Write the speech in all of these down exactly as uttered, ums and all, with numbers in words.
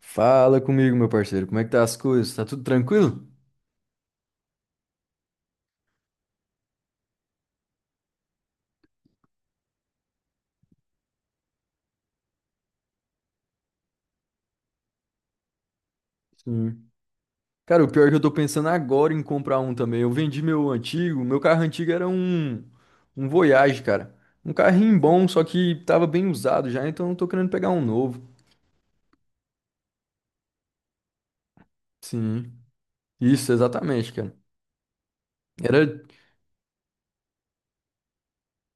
Fala comigo, meu parceiro. Como é que tá as coisas? Tá tudo tranquilo? Sim. Cara, o pior é que eu tô pensando agora em comprar um também. Eu vendi meu antigo, meu carro antigo era um um Voyage, cara. Um carrinho bom, só que tava bem usado já, então eu tô querendo pegar um novo. Sim. Isso, exatamente, cara. Era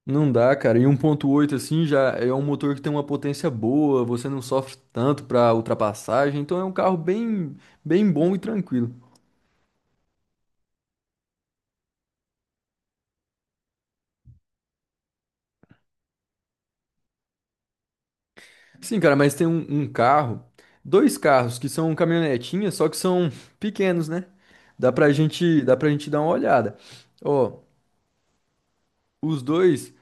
não dá, cara. E um ponto oito assim já é um motor que tem uma potência boa, você não sofre tanto pra ultrapassagem, então é um carro bem bem bom e tranquilo. Sim, cara, mas tem um, um carro, dois carros que são caminhonetinhas, só que são pequenos, né? Dá pra gente, dá pra gente dar uma olhada. Ó, os dois.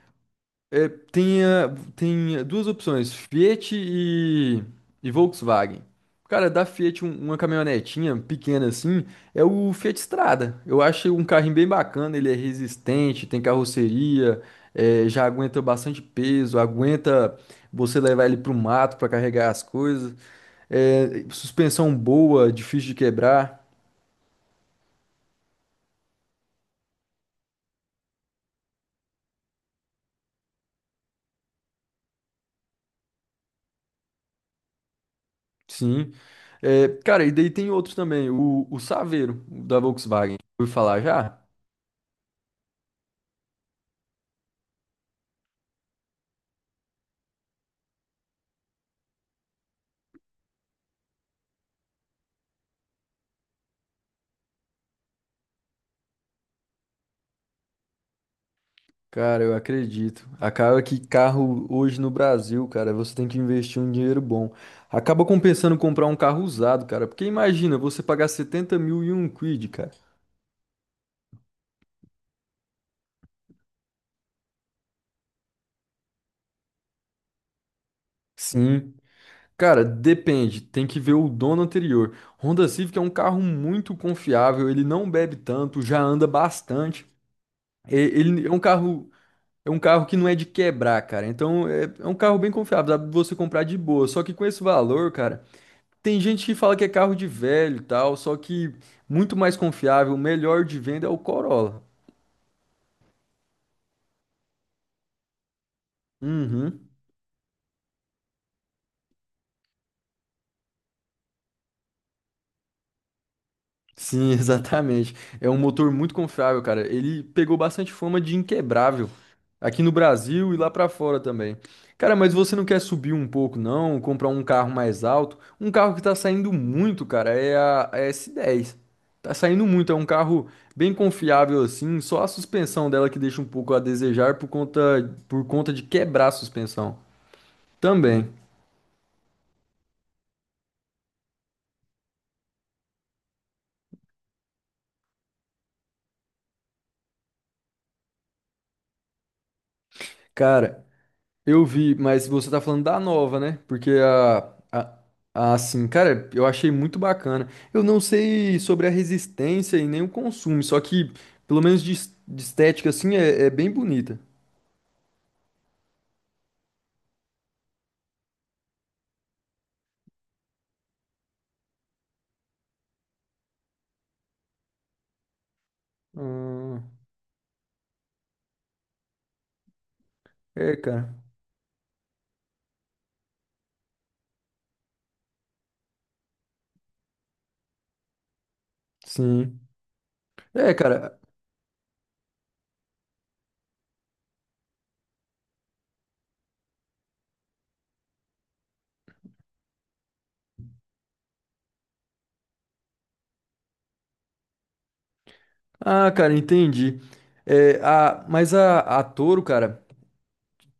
É, tem, ah, tem ah, duas opções, Fiat e, e Volkswagen. Cara, da Fiat, um- uma caminhonetinha pequena assim, é o Fiat Strada. Eu achei um carrinho bem bacana, ele é resistente, tem carroceria, é, já aguenta bastante peso, aguenta você levar ele pro mato para carregar as coisas. É, suspensão boa, difícil de quebrar, sim. É, cara, e daí tem outros também, o, o Saveiro, da Volkswagen. Ouviu falar já? Cara, eu acredito. Acaba que carro hoje no Brasil, cara, você tem que investir um dinheiro bom. Acaba compensando comprar um carro usado, cara. Porque imagina você pagar setenta mil e um quid, cara. Sim. Cara, depende. Tem que ver o dono anterior. Honda Civic é um carro muito confiável. Ele não bebe tanto, já anda bastante. E- Ele é um carro, é um carro que não é de quebrar, cara. Então é, é um carro bem confiável. Dá pra você comprar de boa. Só que com esse valor, cara. Tem gente que fala que é carro de velho e tal, só que muito mais confiável, o melhor de venda é o Corolla. Uhum. Sim, exatamente. É um motor muito confiável, cara. Ele pegou bastante fama de inquebrável aqui no Brasil e lá pra fora também. Cara, mas você não quer subir um pouco, não? Comprar um carro mais alto? Um carro que tá saindo muito, cara, é a a S dez. Tá saindo muito, é um carro bem confiável assim, só a suspensão dela que deixa um pouco a desejar por conta, por conta de quebrar a suspensão. Também. Cara, eu vi, mas você tá falando da nova, né? Porque a, a, a, assim, cara, eu achei muito bacana. Eu não sei sobre a resistência e nem o consumo, só que, pelo menos de, es- de estética, assim, é, é bem bonita. Ah, é, cara. Sim. É, cara. Ah, cara, entendi. É, a, mas a, a Toro, cara,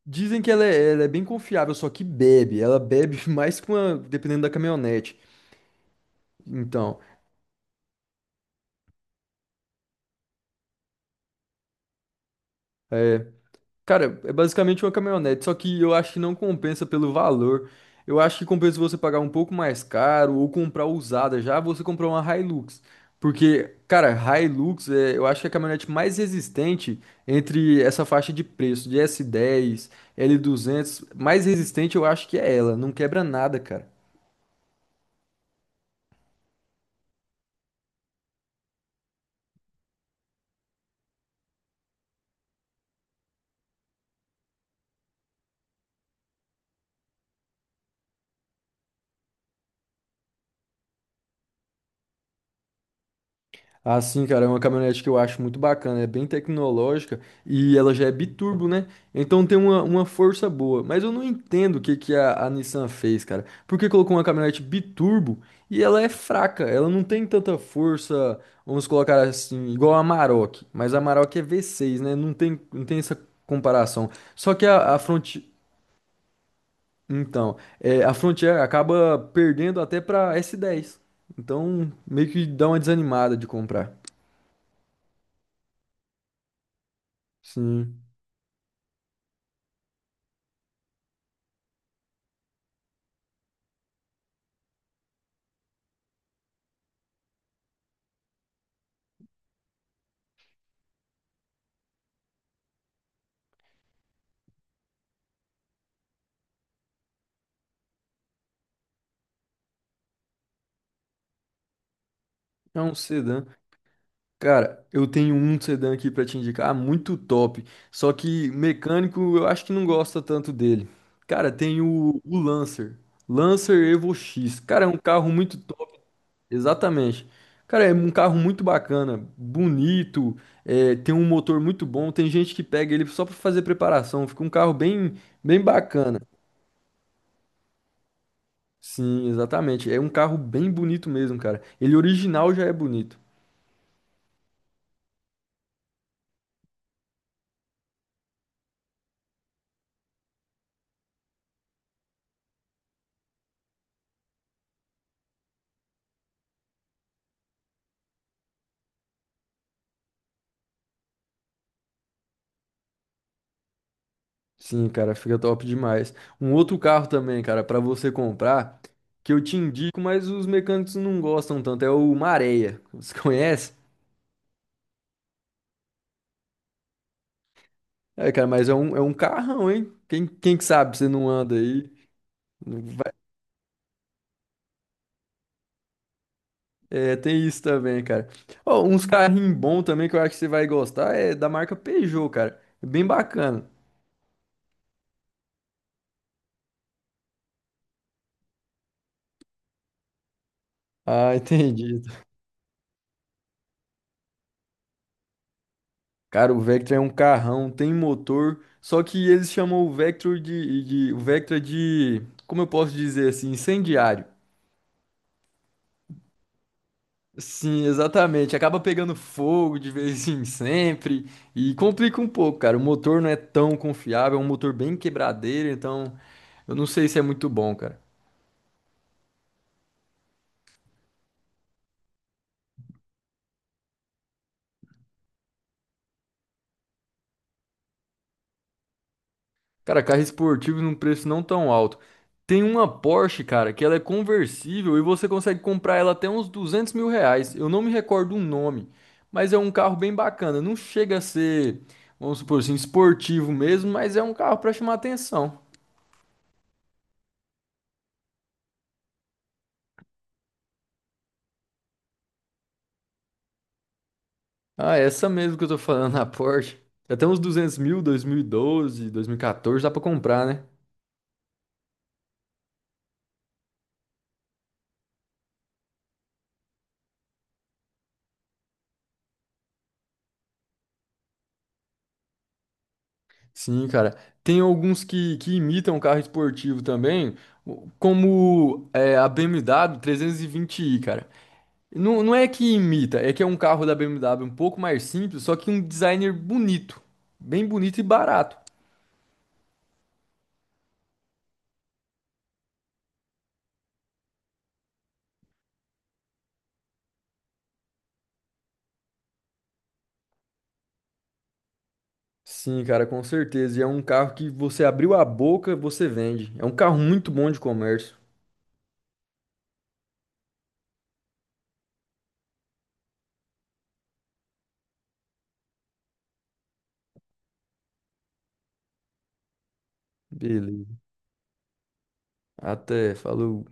dizem que ela é, ela é bem confiável, só que bebe. Ela bebe mais que uma, dependendo da caminhonete. Então. É, cara, é basicamente uma caminhonete, só que eu acho que não compensa pelo valor. Eu acho que compensa você pagar um pouco mais caro ou comprar usada já, você comprar uma Hilux. Porque, cara, Hilux é, eu acho que é a caminhonete mais resistente entre essa faixa de preço de S dez, L duzentos, mais resistente eu acho que é ela, não quebra nada, cara. Ah, sim, cara, é uma caminhonete que eu acho muito bacana, é bem tecnológica e ela já é biturbo, né? Então tem uma, uma força boa. Mas eu não entendo o que, que a, a Nissan fez, cara. Por que colocou uma caminhonete biturbo e ela é fraca? Ela não tem tanta força, vamos colocar assim, igual a Amarok. Mas a Amarok é V seis, né? Não tem, não tem essa comparação. Só que a, a Fronti- Então, é, a, Frontier acaba perdendo até pra S dez. Então, meio que dá uma desanimada de comprar. Sim. É um sedã. Cara, eu tenho um sedã aqui pra te indicar, muito top. Só que mecânico eu acho que não gosta tanto dele. Cara, tem o, o Lancer. Lancer Evo dez. Cara, é um carro muito top. Exatamente. Cara, é um carro muito bacana, bonito, é, tem um motor muito bom. Tem gente que pega ele só pra fazer preparação. Fica um carro bem, bem bacana. Sim, exatamente. É um carro bem bonito mesmo, cara. Ele original já é bonito. Sim, cara, fica top demais. Um outro carro também, cara, pra você comprar, que eu te indico, mas os mecânicos não gostam tanto, é o Mareia. Você conhece? É, cara, mas é um, é um carrão, hein? Quem, quem que sabe você não anda aí? Não vai- É, tem isso também, cara. Ó, uns carrinhos bons também que eu acho que você vai gostar é da marca Peugeot, cara. É bem bacana. Ah, entendi. Cara, o Vectra é um carrão, tem motor, só que eles chamam o Vector de, de- o Vectra de, como eu posso dizer assim, incendiário. Sim, exatamente. Acaba pegando fogo de vez em sempre e complica um pouco, cara. O motor não é tão confiável, é um motor bem quebradeiro, então eu não sei se é muito bom, cara. Cara, carro esportivo num preço não tão alto. Tem uma Porsche, cara, que ela é conversível e você consegue comprar ela até uns duzentos mil reais. Eu não me recordo o nome, mas é um carro bem bacana. Não chega a ser, vamos supor assim, esportivo mesmo, mas é um carro para chamar atenção. Ah, essa mesmo que eu tô falando, a Porsche. Até uns duzentos mil, dois dois mil mil e doze, dois mil e dois mil e quatorze, dá pra comprar, né? Sim, cara. Tem alguns que, que imitam carro esportivo também, como é, a B M W três vinte i, cara. Não, não é que imita, é que é um carro da B M W um pouco mais simples, só que um designer bonito. Bem bonito e barato. Sim, cara, com certeza. E é um carro que você abriu a boca, você vende. É um carro muito bom de comércio. Beleza. Até, falou.